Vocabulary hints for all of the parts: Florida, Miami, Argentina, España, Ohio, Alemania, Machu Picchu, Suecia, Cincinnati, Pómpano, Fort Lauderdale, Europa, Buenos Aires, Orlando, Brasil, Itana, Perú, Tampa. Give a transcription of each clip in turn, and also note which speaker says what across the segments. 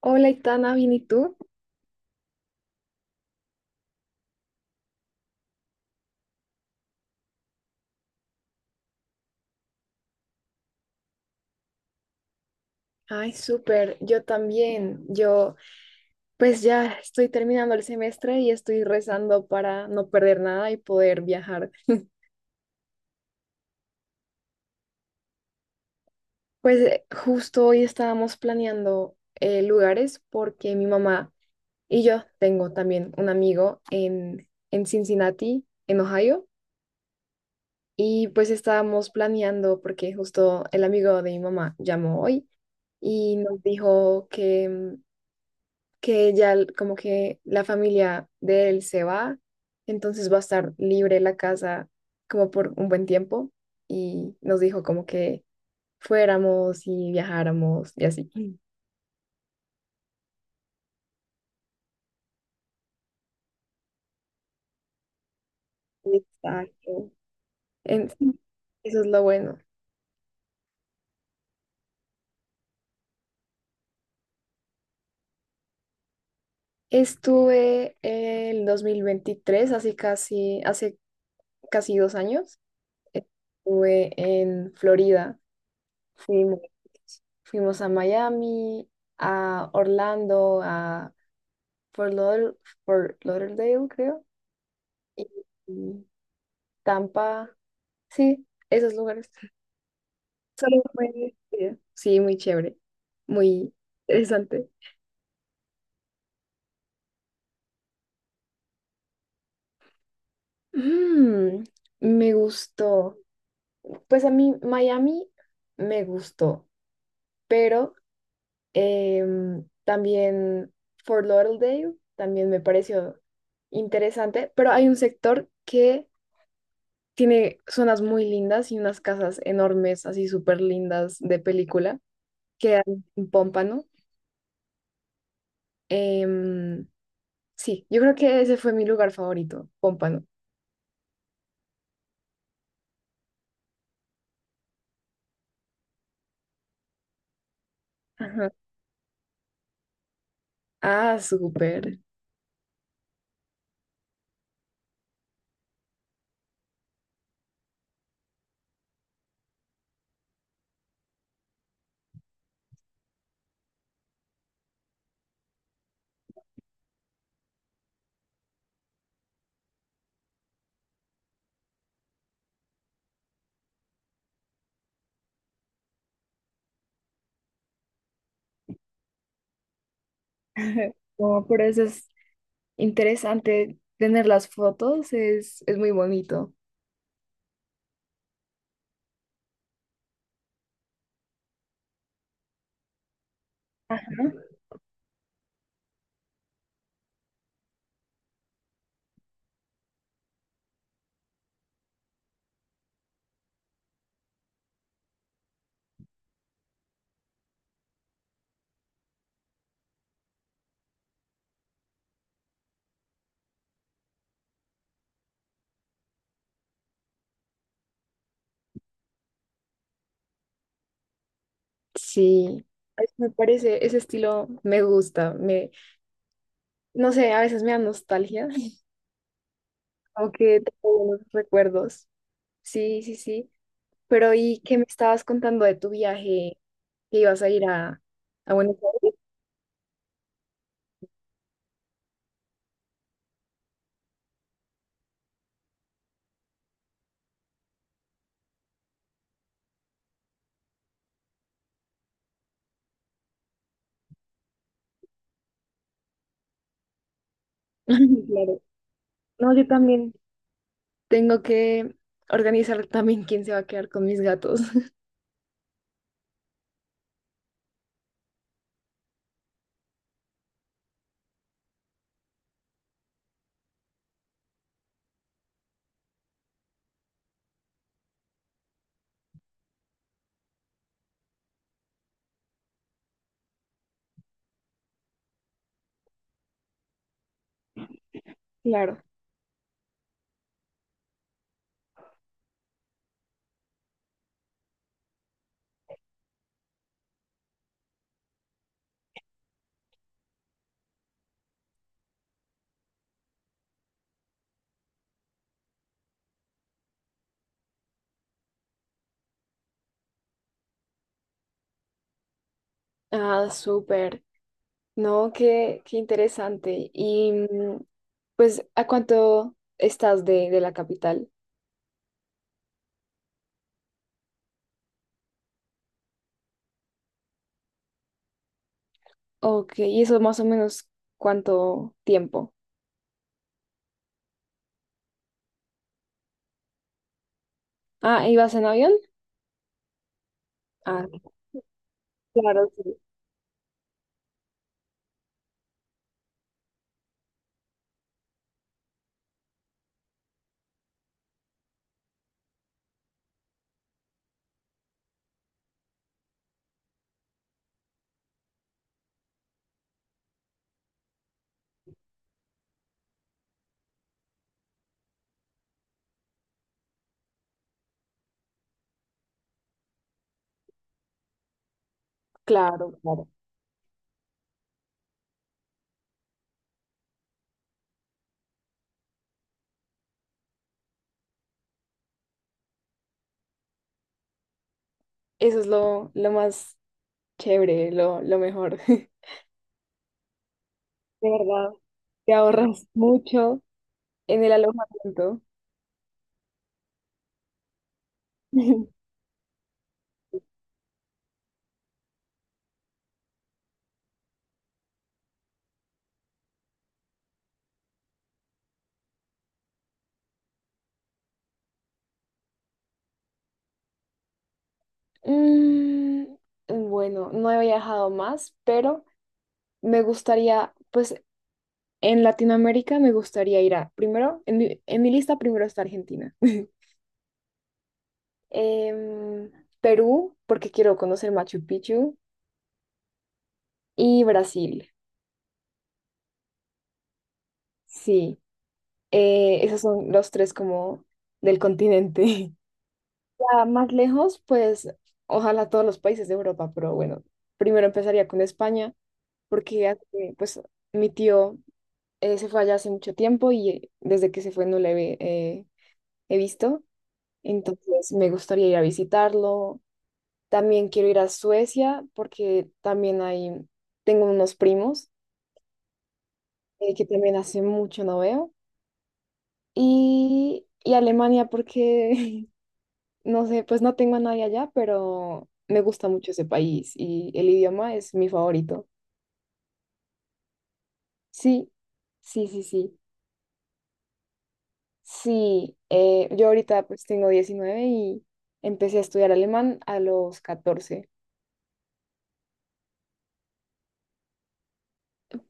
Speaker 1: Hola, Itana, ¿bien y tú? Ay, súper, yo también. Yo, pues ya estoy terminando el semestre y estoy rezando para no perder nada y poder viajar. Pues justo hoy estábamos planeando lugares porque mi mamá y yo tengo también un amigo en Cincinnati, en Ohio, y pues estábamos planeando porque justo el amigo de mi mamá llamó hoy y nos dijo que que como que la familia de él se va, entonces va a estar libre la casa como por un buen tiempo y nos dijo como que fuéramos y viajáramos y así. Exacto. Sí, eso es lo bueno. Estuve el 2023 así casi, hace casi 2 años, estuve en Florida. Fuimos, fuimos a Miami, a Orlando, a Fort Lauder- Fort Lauderdale, creo, y, y Tampa, sí, esos lugares. Solo fue- Sí, muy chévere, muy interesante. Mm, Me gustó. Pues a mí Miami me gustó, pero también Fort Lauderdale también me pareció interesante, pero hay un sector que tiene zonas muy lindas y unas casas enormes, así súper lindas de película. Quedan en Pómpano. Em, sí, yo creo que ese fue mi lugar favorito, Pómpano. Ajá. Ah, súper. No, pero eso es interesante. Tener las fotos es muy bonito. Ajá. Sí, ay, me parece, ese estilo me gusta, no sé, a veces me da nostalgia, como que tengo buenos recuerdos. Sí, sí, sí. Pero ¿y qué me estabas contando de tu viaje que ibas a ir a Buenos Aires? Claro. No, yo también tengo que organizar también quién se va a quedar con mis gatos. Claro. Ah, súper. No, qué interesante. Y pues, ¿a cuánto estás de la capital? Ok, ¿y eso más o menos cuánto tiempo? Ah, ¿ibas en avión? Ah, claro, sí, claro, claro. Eso es lo más chévere, lo mejor. De verdad, te ahorras mucho en el alojamiento. Mm, bueno, no he viajado más, pero me gustaría, pues en Latinoamérica me gustaría ir a, primero, en mi lista primero está Argentina. Em, Perú, porque quiero conocer Machu Picchu, y Brasil. Sí, esos son los tres como del continente. Ya más lejos, pues ojalá todos los países de Europa, pero bueno, primero empezaría con España, porque pues mi tío, se fue allá hace mucho tiempo y, desde que se fue no le eh, he visto. Entonces me gustaría ir a visitarlo. También quiero ir a Suecia porque también tengo unos primos, que también hace mucho no veo. Y Alemania porque, no sé, pues no tengo a nadie allá, pero me gusta mucho ese país y el idioma es mi favorito. Sí, sí, sí, sí. Sí, yo ahorita pues tengo 19 y empecé a estudiar alemán a los 14.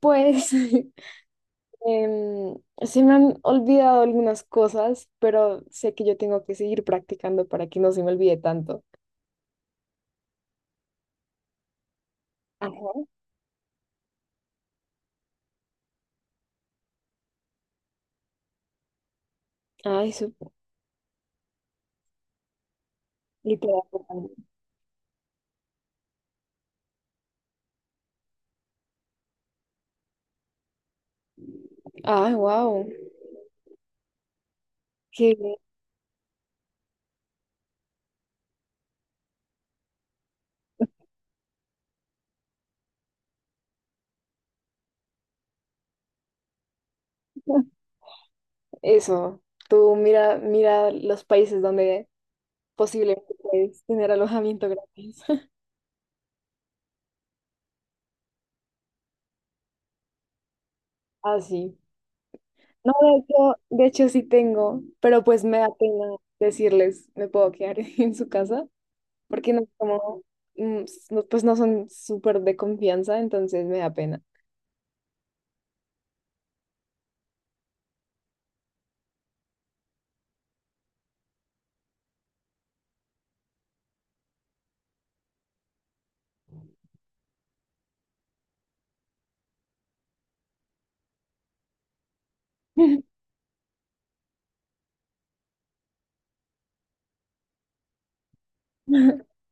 Speaker 1: Pues em, se me han olvidado algunas cosas, pero sé que yo tengo que seguir practicando para que no se me olvide tanto. Ajá. Ay, supo. Literal. Ah, wow. Qué bien. Eso. Tú mira, mira los países donde posiblemente puedes tener alojamiento gratis. Ah, sí. No, de hecho sí tengo, pero pues me da pena decirles, me puedo quedar en su casa, porque no como, no, pues no son súper de confianza, entonces me da pena.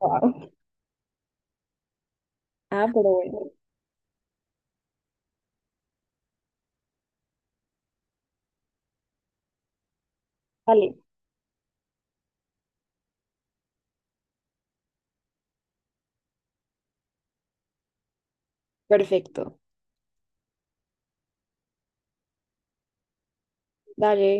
Speaker 1: Wow. Ah, pero bueno, vale. Perfecto. Dale.